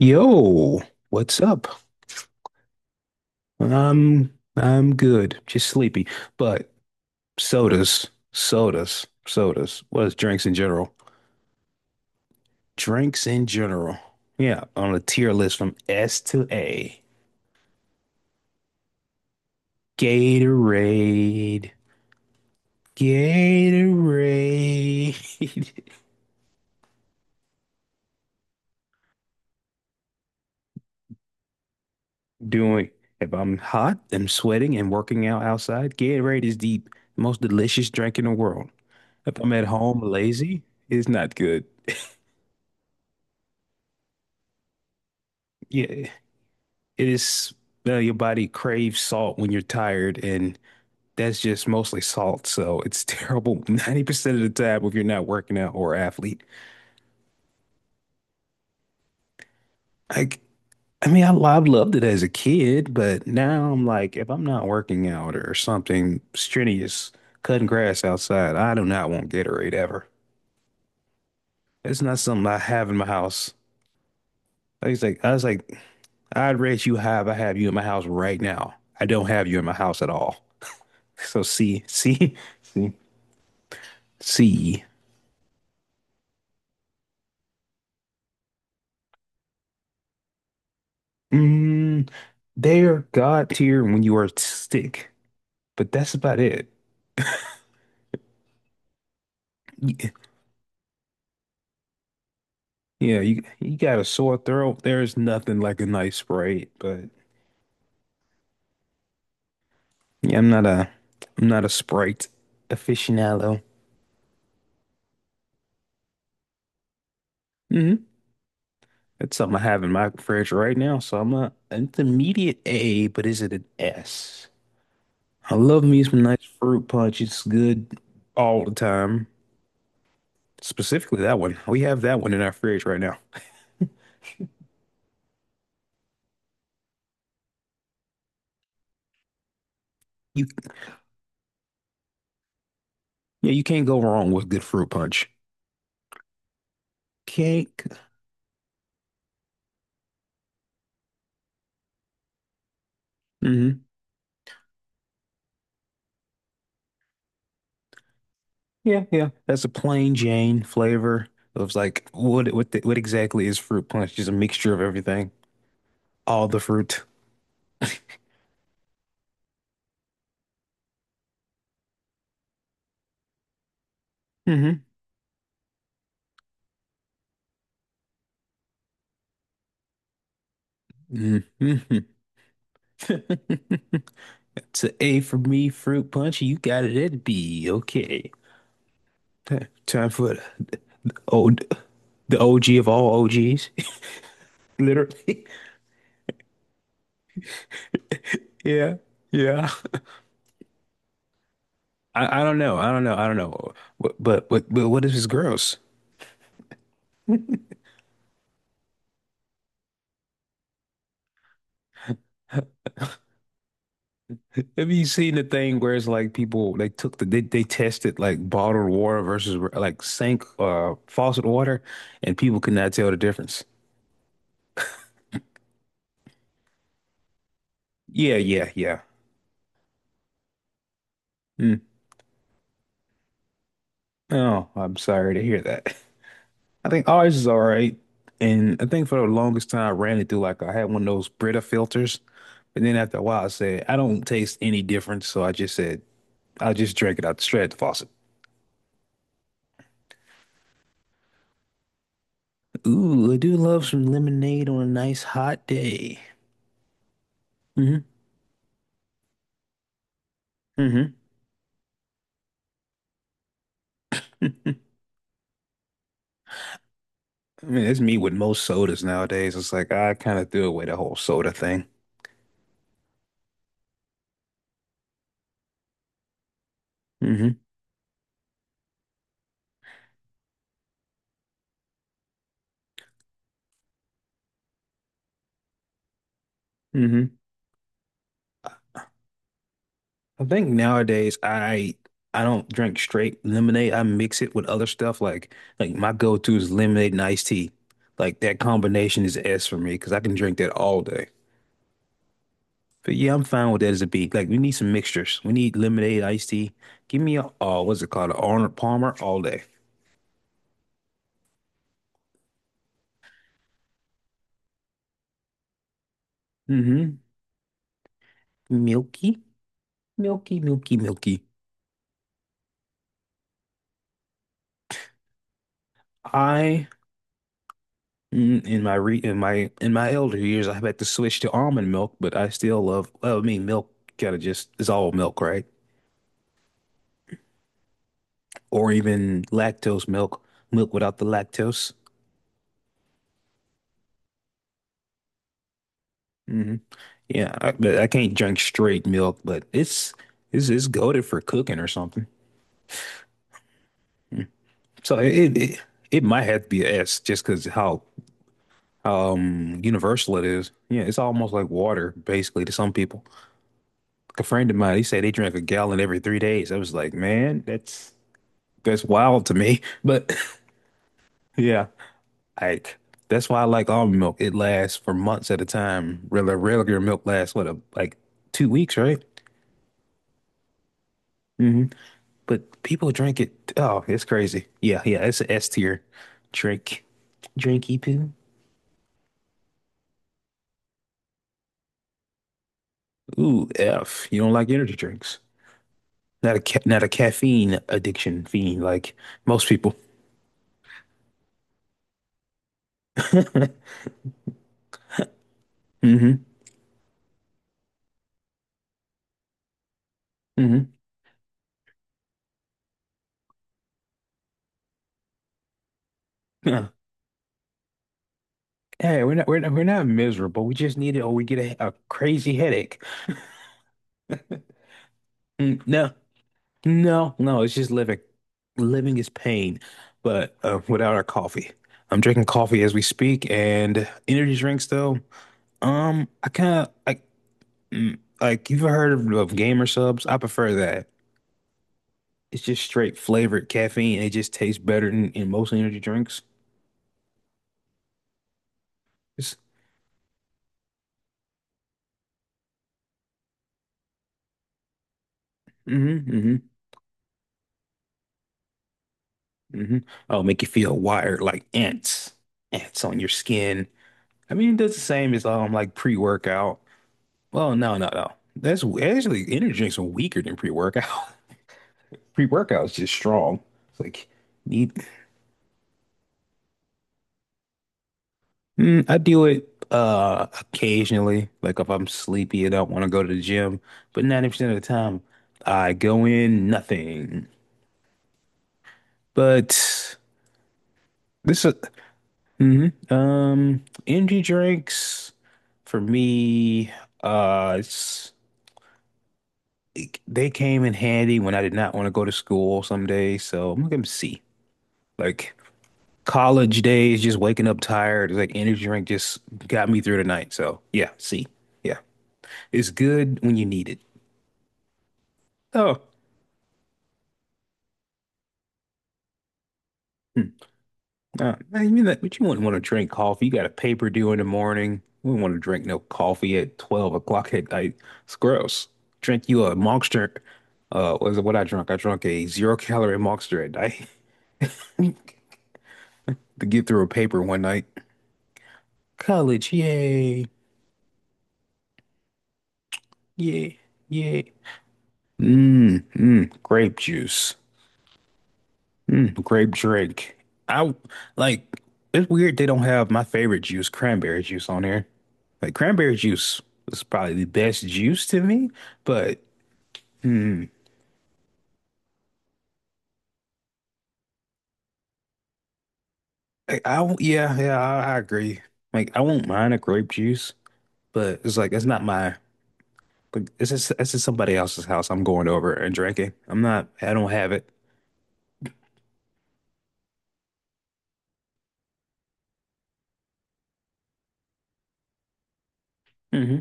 Yo, what's up? I'm good, just sleepy. But sodas, sodas, sodas. What is drinks in general? Drinks in general. Yeah, on a tier list from S to A. Gatorade, Gatorade. Doing if I'm hot, I'm sweating and working out outside, Gatorade is the most delicious drink in the world. If I'm at home lazy, it's not good. Yeah. It is your body craves salt when you're tired, and that's just mostly salt. So it's terrible 90% of the time if you're not working out or athlete. Like, I mean, I loved it as a kid, but now I'm like, if I'm not working out or something strenuous, cutting grass outside, I do not want Gatorade ever. It's not something I have in my house. I was like, I'd rate you high if I have you in my house right now. I don't have you in my house at all. So see, see, see, see. Mm, they're God tier when you are sick, but that's about it. Y- Yeah, you got a sore throat. There's nothing like a nice Sprite, but yeah, I'm not a Sprite aficionado. hmm That's something I have in my fridge right now, so I'm not intermediate A, but is it an S? I love me some nice fruit punch. It's good all the time. Specifically that one. We have that one in our fridge right now. You yeah, you can't go wrong with good fruit punch. Cake. hmm Yeah, yeah. That's a plain Jane flavor. It was like what exactly is fruit punch? Just a mixture of everything, all the fruit. hmm hmm It's a A for me, fruit punch. You got it at B. Okay. Time for the old the OG of all OGs. Literally. Yeah. Yeah. I don't know. I don't know. But but what if it's gross? Have you seen the thing where it's like people they tested like bottled water versus like sink faucet water and people could not tell the difference. Yeah, yeah, yeah. Mm. Oh, I'm sorry to hear that. I think ours is all right. And I think for the longest time I ran it through like I had one of those Brita filters. But then after a while I said, I don't taste any difference, so I just said I'll just drink it out straight at the faucet. Ooh, I do love some lemonade on a nice hot day. mm hmm I mean, it's me with most sodas nowadays. It's like I kind of threw away the whole soda thing. hmm hmm I think nowadays I don't drink straight lemonade. I mix it with other stuff. Like my go-to is lemonade and iced tea. Like that combination is S for me because I can drink that all day. But yeah, I'm fine with that as a beat. Like we need some mixtures. We need lemonade, iced tea. Give me a oh, what's it called? An Arnold Palmer all day. hmm Milky, milky. I Mm, In my re in my elder years, I had to switch to almond milk, but I still love. Well, I mean, milk kind of just is all milk, right? Or even lactose milk, milk without the lactose. hmm Yeah, but I can't drink straight milk, but it's goaded for cooking or something. So it might have to be a S just because how universal it is. Yeah, it's almost like water basically to some people. Like a friend of mine, he said they drank a gallon every 3 days. I was like, man, that's wild to me. But yeah, like that's why I like almond milk. It lasts for months at a time. Regular milk lasts what a, like 2 weeks, right? hmm But people drink it. Oh, it's crazy. Yeah, yeah, it's an S tier drink. Drinky poo. Ooh, F. You don't like energy drinks. Not a caffeine addiction fiend like most people. hmm hmm Yeah. Hey, we're not miserable. We just need it, or we get a crazy headache. Mm, no, no, no, it's just living. Living is pain, but without our coffee. I'm drinking coffee as we speak, and energy drinks though. I kind of like mm, like you've heard of gamer subs. I prefer that. It's just straight flavored caffeine. It just tastes better than in most energy drinks. It's mm-hmm, mm-hmm, mm-hmm. Oh, make you feel wired like ants, ants on your skin. I mean, it does the same as like pre-workout. Well, no, no, no. That's actually energy drinks are weaker than pre-workout. Pre-workout is just strong. It's like need. Mm, I do it occasionally. Like if I'm sleepy and don't want to go to the gym, but 90% of the time I go in nothing. But this is mhm. Energy drinks for me. Uh, it's they came in handy when I did not want to go to school some days. So I'm gonna see like. College days, just waking up tired, it's like energy drink just got me through the night. So yeah, see, yeah, it's good when you need it. Oh, hmm. I mean that, but you wouldn't want to drink coffee. You got a paper due in the morning. We wouldn't want to drink no coffee at 12 o'clock at night. It's gross. Drink you a Monster. Was it what I drank? I drank a zero calorie Monster at night to get through a paper one night. College, yay, yay, yay. Mmm, mmm, grape juice. Mm, grape drink. I like it's weird they don't have my favorite juice, cranberry juice, on here. Like cranberry juice is probably the best juice to me, but hmm, I won't- yeah, yeah, I agree. Like I won't mind a grape juice, but it's like it's not my like it's just somebody else's house I'm going over and drinking. I don't have it. hmm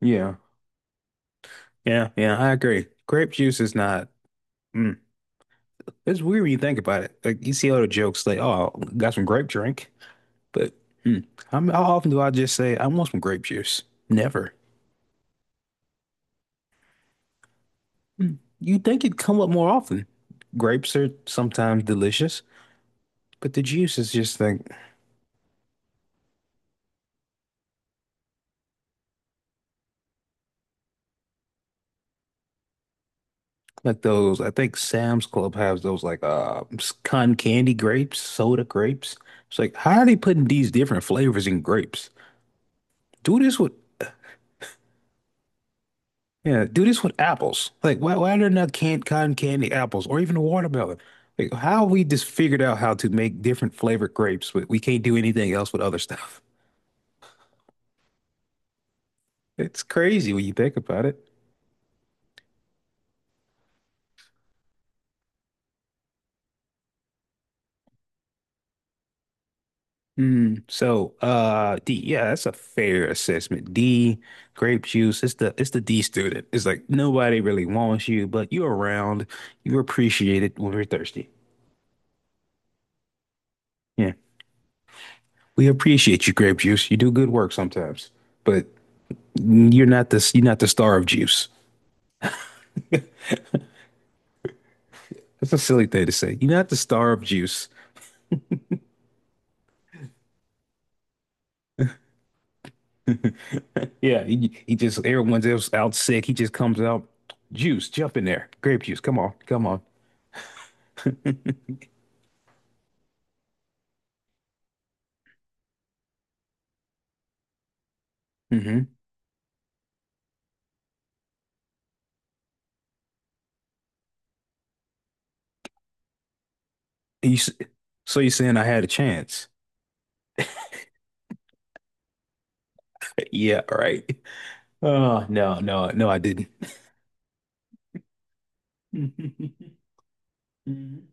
Yeah. Yeah, yeah, I agree. Grape juice is not mm. It's weird when you think about it. Like you see all the jokes like, oh, got some grape drink. But hmm, how often do I just say, I want some grape juice? Never. You'd think it'd come up more often. Grapes are sometimes delicious, but the juice is just like those. I think Sam's Club has those like cotton candy grapes, soda grapes. It's like, how are they putting these different flavors in grapes? Do this with yeah, do this with apples. Like, why are there not canned cotton candy apples or even a watermelon? Like, how we just figured out how to make different flavored grapes, but we can't do anything else with other stuff. It's crazy when you think about it. Mm, so, D, yeah, that's a fair assessment. D, grape juice. It's the D student. It's like nobody really wants you, but you're around. You are appreciated when we're thirsty. Yeah, we appreciate you, grape juice. You do good work sometimes, but you're not the star of juice. That's a silly thing to say. You're not the star of juice. Yeah, he just everyone's else out sick. He just comes out, juice, jump in there, grape juice. Come on, come on. You, s- so you're saying I had a chance? Yeah, right. Oh, no, no, no, I didn't. Mm,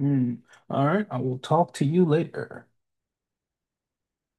mm. All right, I will talk to you later.